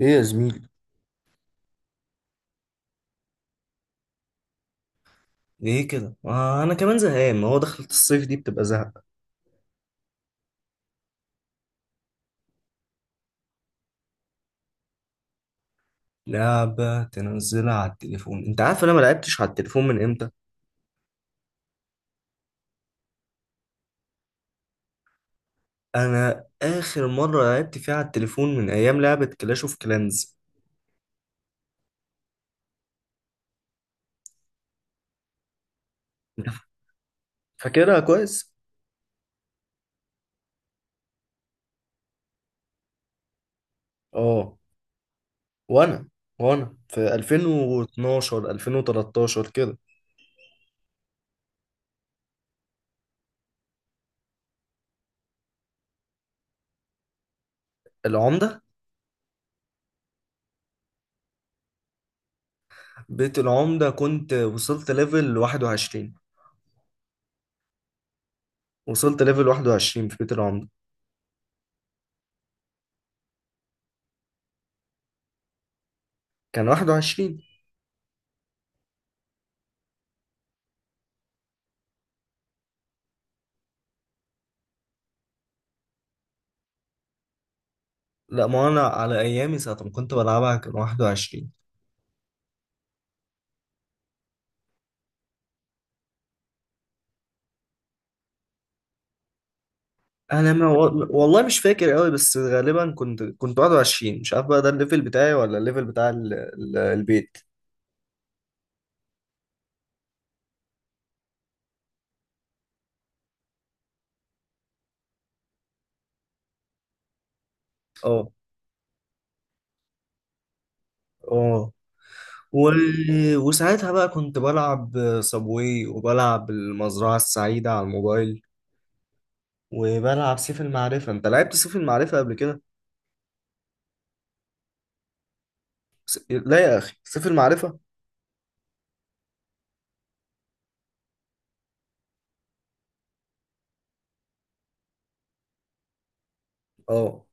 ايه يا زميلي، ليه كده؟ آه، أنا كمان زهقان، ما هو دخلة الصيف دي بتبقى زهق. لعبة تنزلها على التليفون؟ أنت عارف أنا ما لعبتش على التليفون من إمتى؟ أنا آخر مرة لعبت فيها على التليفون من أيام لعبة كلاش أوف كلانز. فاكرها كويس؟ آه. وأنا وأنا في 2012 2013 كده. العمدة. بيت العمدة كنت وصلت ليفل 21. وصلت ليفل 21 في بيت العمدة. كان 21. لا، ما انا على ايامي ساعه ما كنت بلعبها كان 21. انا ما و... والله مش فاكر قوي، بس غالبا كنت 21، مش عارف بقى ده الليفل بتاعي ولا الليفل بتاع البيت. اه، اه. و... وساعتها بقى كنت بلعب صابواي وبلعب المزرعه السعيده على الموبايل، وبلعب سيف المعرفه. انت لعبت سيف المعرفه قبل كده؟ لا يا اخي، سيف المعرفه. اه.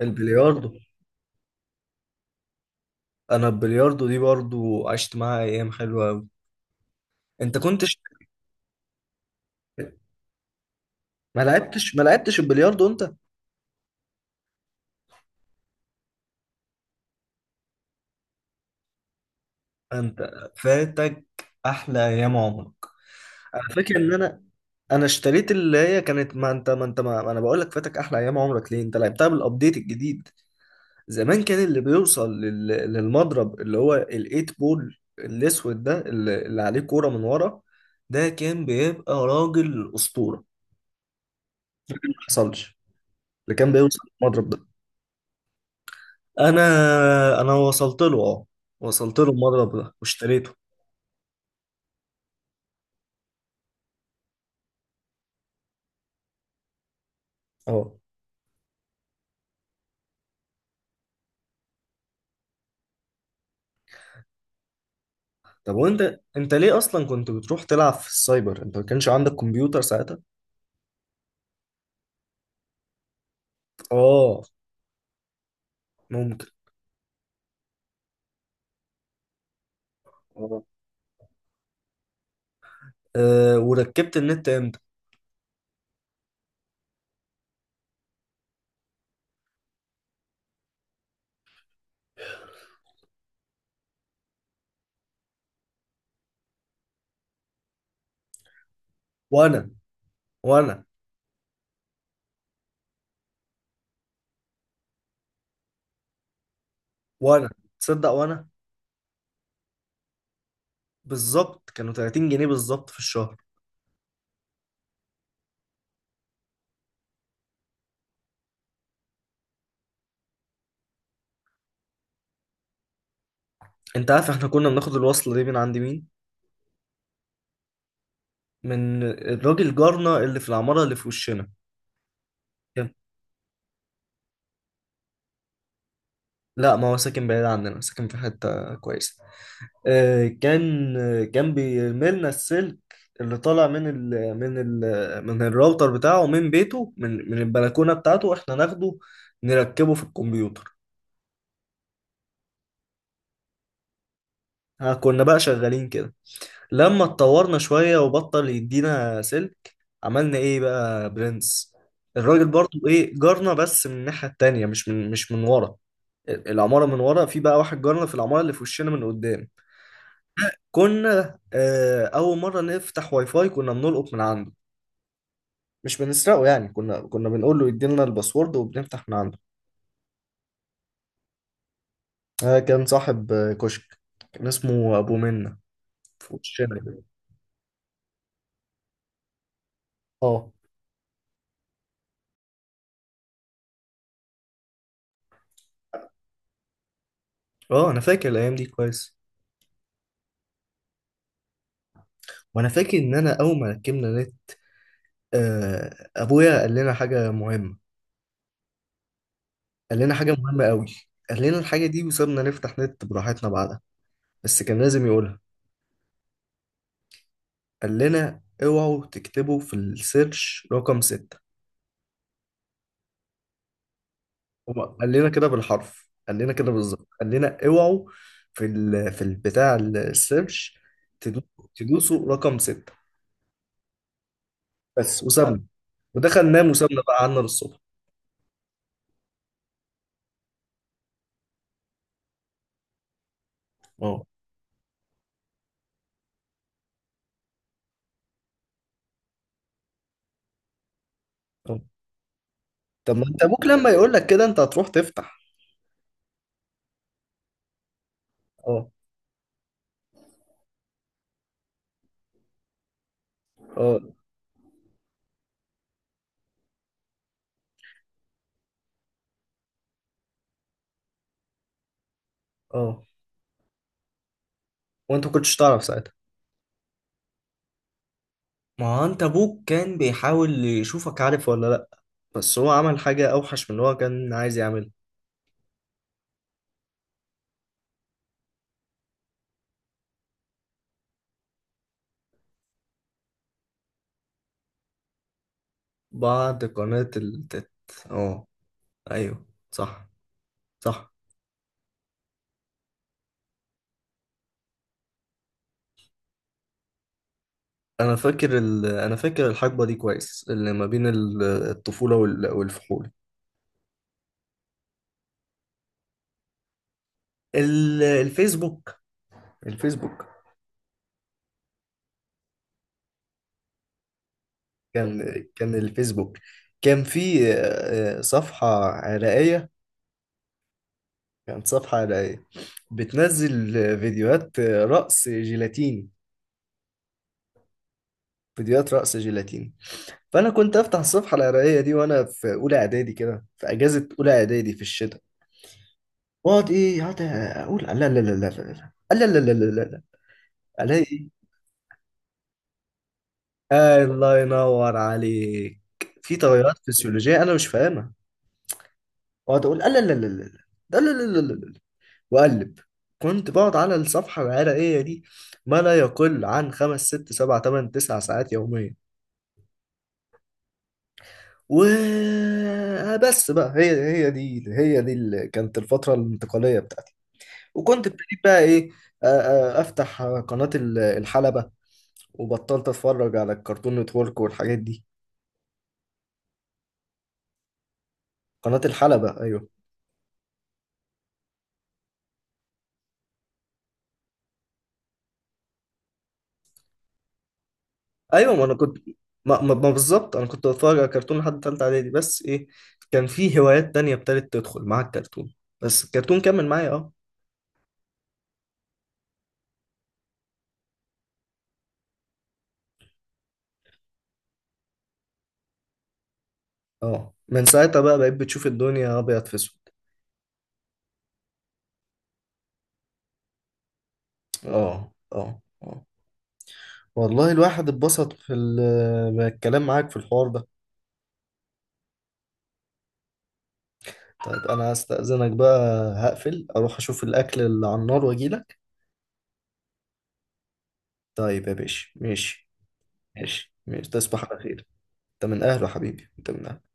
البلياردو. انا البلياردو دي برضو عشت معاها ايام حلوه قوي. انت كنت... ما لعبتش البلياردو انت؟ انت فاتك احلى ايام عمرك. انا فاكر ان انا اشتريت اللي هي كانت... ما انت ما انت ما ما انا بقول لك فاتك احلى ايام عمرك ليه، انت لعبتها بالابديت الجديد. زمان كان اللي بيوصل للمضرب اللي هو الايت بول الاسود ده، اللي عليه كوره من ورا، ده كان بيبقى راجل اسطوره ما حصلش اللي كان بيوصل للمضرب ده. انا انا وصلت له، اه، وصلت له المضرب ده واشتريته. اه. طب وانت، انت ليه اصلا كنت بتروح تلعب في السايبر؟ انت ما كانش عندك كمبيوتر ساعتها؟ اه، ممكن. اه. أه، وركبت النت امتى؟ وانا وانا وانا تصدق، وانا بالظبط كانوا 30 جنيه بالظبط في الشهر. انت عارف احنا كنا بناخد الوصلة دي من عند مين؟ من الراجل جارنا اللي في العمارة اللي في وشنا. لا، ما هو ساكن بعيد عننا، ساكن في حتة كويسة. كان بيرملنا السلك اللي طالع من الراوتر بتاعه، من بيته، من البلكونة بتاعته، احنا ناخده نركبه في الكمبيوتر. ها، كنا بقى شغالين كده. لما اتطورنا شوية وبطل يدينا سلك عملنا ايه بقى؟ برنس. الراجل برضو، ايه، جارنا، بس من الناحية التانية، مش من ورا العمارة، من ورا في بقى واحد جارنا في العمارة اللي في وشنا من قدام. كنا اول مره نفتح واي فاي كنا بنلقط من عنده. مش بنسرقه يعني، كنا بنقول له يدينا الباسورد وبنفتح من عنده. كان صاحب كشك. كان اسمه ابو منة، في وشنا كده. اه، اه، انا فاكر الايام دي كويس. وانا فاكر ان انا اول ما ركبنا نت، ابويا قال لنا حاجه مهمه. قال لنا حاجه مهمه قوي. قال لنا الحاجه دي وسابنا نفتح نت براحتنا بعدها، بس كان لازم يقولها. قال لنا اوعوا تكتبوا في السيرش رقم 6. هو قال لنا كده بالحرف، قال لنا كده بالظبط، قال لنا اوعوا، في البتاع السيرش تدو- تدوسوا رقم 6. بس. وسابنا، ودخل نام وسابنا بقى قعدنا للصبح. اه، اه. طب ما انت ابوك لما يقول لك كده انت هتروح تفتح. اه، اه، اه. وانت ما كنتش تعرف ساعتها؟ ما هو انت ابوك كان بيحاول يشوفك عارف ولا لا، بس هو عمل حاجة اوحش من اللي هو كان عايز يعملها. بعد قناة التت. اه، ايوه، صح، صح. انا فاكر الحقبه دي كويس، اللي ما بين الطفوله والفحول. ال... الفيسبوك الفيسبوك كان كان الفيسبوك. كان في صفحه عراقيه. كانت صفحه عراقيه بتنزل فيديوهات رقص جيلاتيني، فيديوهات رقص جيلاتيني. فانا كنت افتح الصفحه العراقيه دي وانا في اولى اعدادي كده، في اجازه اولى اعدادي في الشتاء. واقعد ايه، اقعد اقول لا لا لا لا لا لا لا لا لا لا لا لا. الاقي... آه، الله ينور عليك، في تغيرات فسيولوجية أنا مش فاهمها. وأقعد أقول لا لا لا لا لا لا لا لا لا لا وأقلب. كنت بقعد على الصفحة العرقية دي ما لا يقل عن 5 6 7 8 9 ساعات يوميا. و بس بقى، هي دي، هي دي اللي كانت الفترة الانتقالية بتاعتي. وكنت ابتديت بقى إيه؟ آه، أفتح قناة الحلبة، وبطلت أتفرج على الكرتون نتورك والحاجات دي. قناة الحلبة، أيوه. ايوه، ما انا كنت، ما بالظبط انا كنت بتفرج على كرتون لحد تالتة اعدادي، بس ايه، كان في هوايات تانية ابتدت تدخل مع الكرتون، بس الكرتون كمل معايا. اه. اه، من ساعتها بقى بقيت بتشوف الدنيا ابيض في اسود. اه، اه، اه. والله الواحد اتبسط بالكلام معاك في الحوار ده. طيب، انا هستأذنك بقى، هقفل اروح اشوف الاكل اللي على النار واجيلك. طيب يا باشا، ماشي. ماشي، ماشي، تصبح على خير. انت من اهله حبيبي، انت من أهله.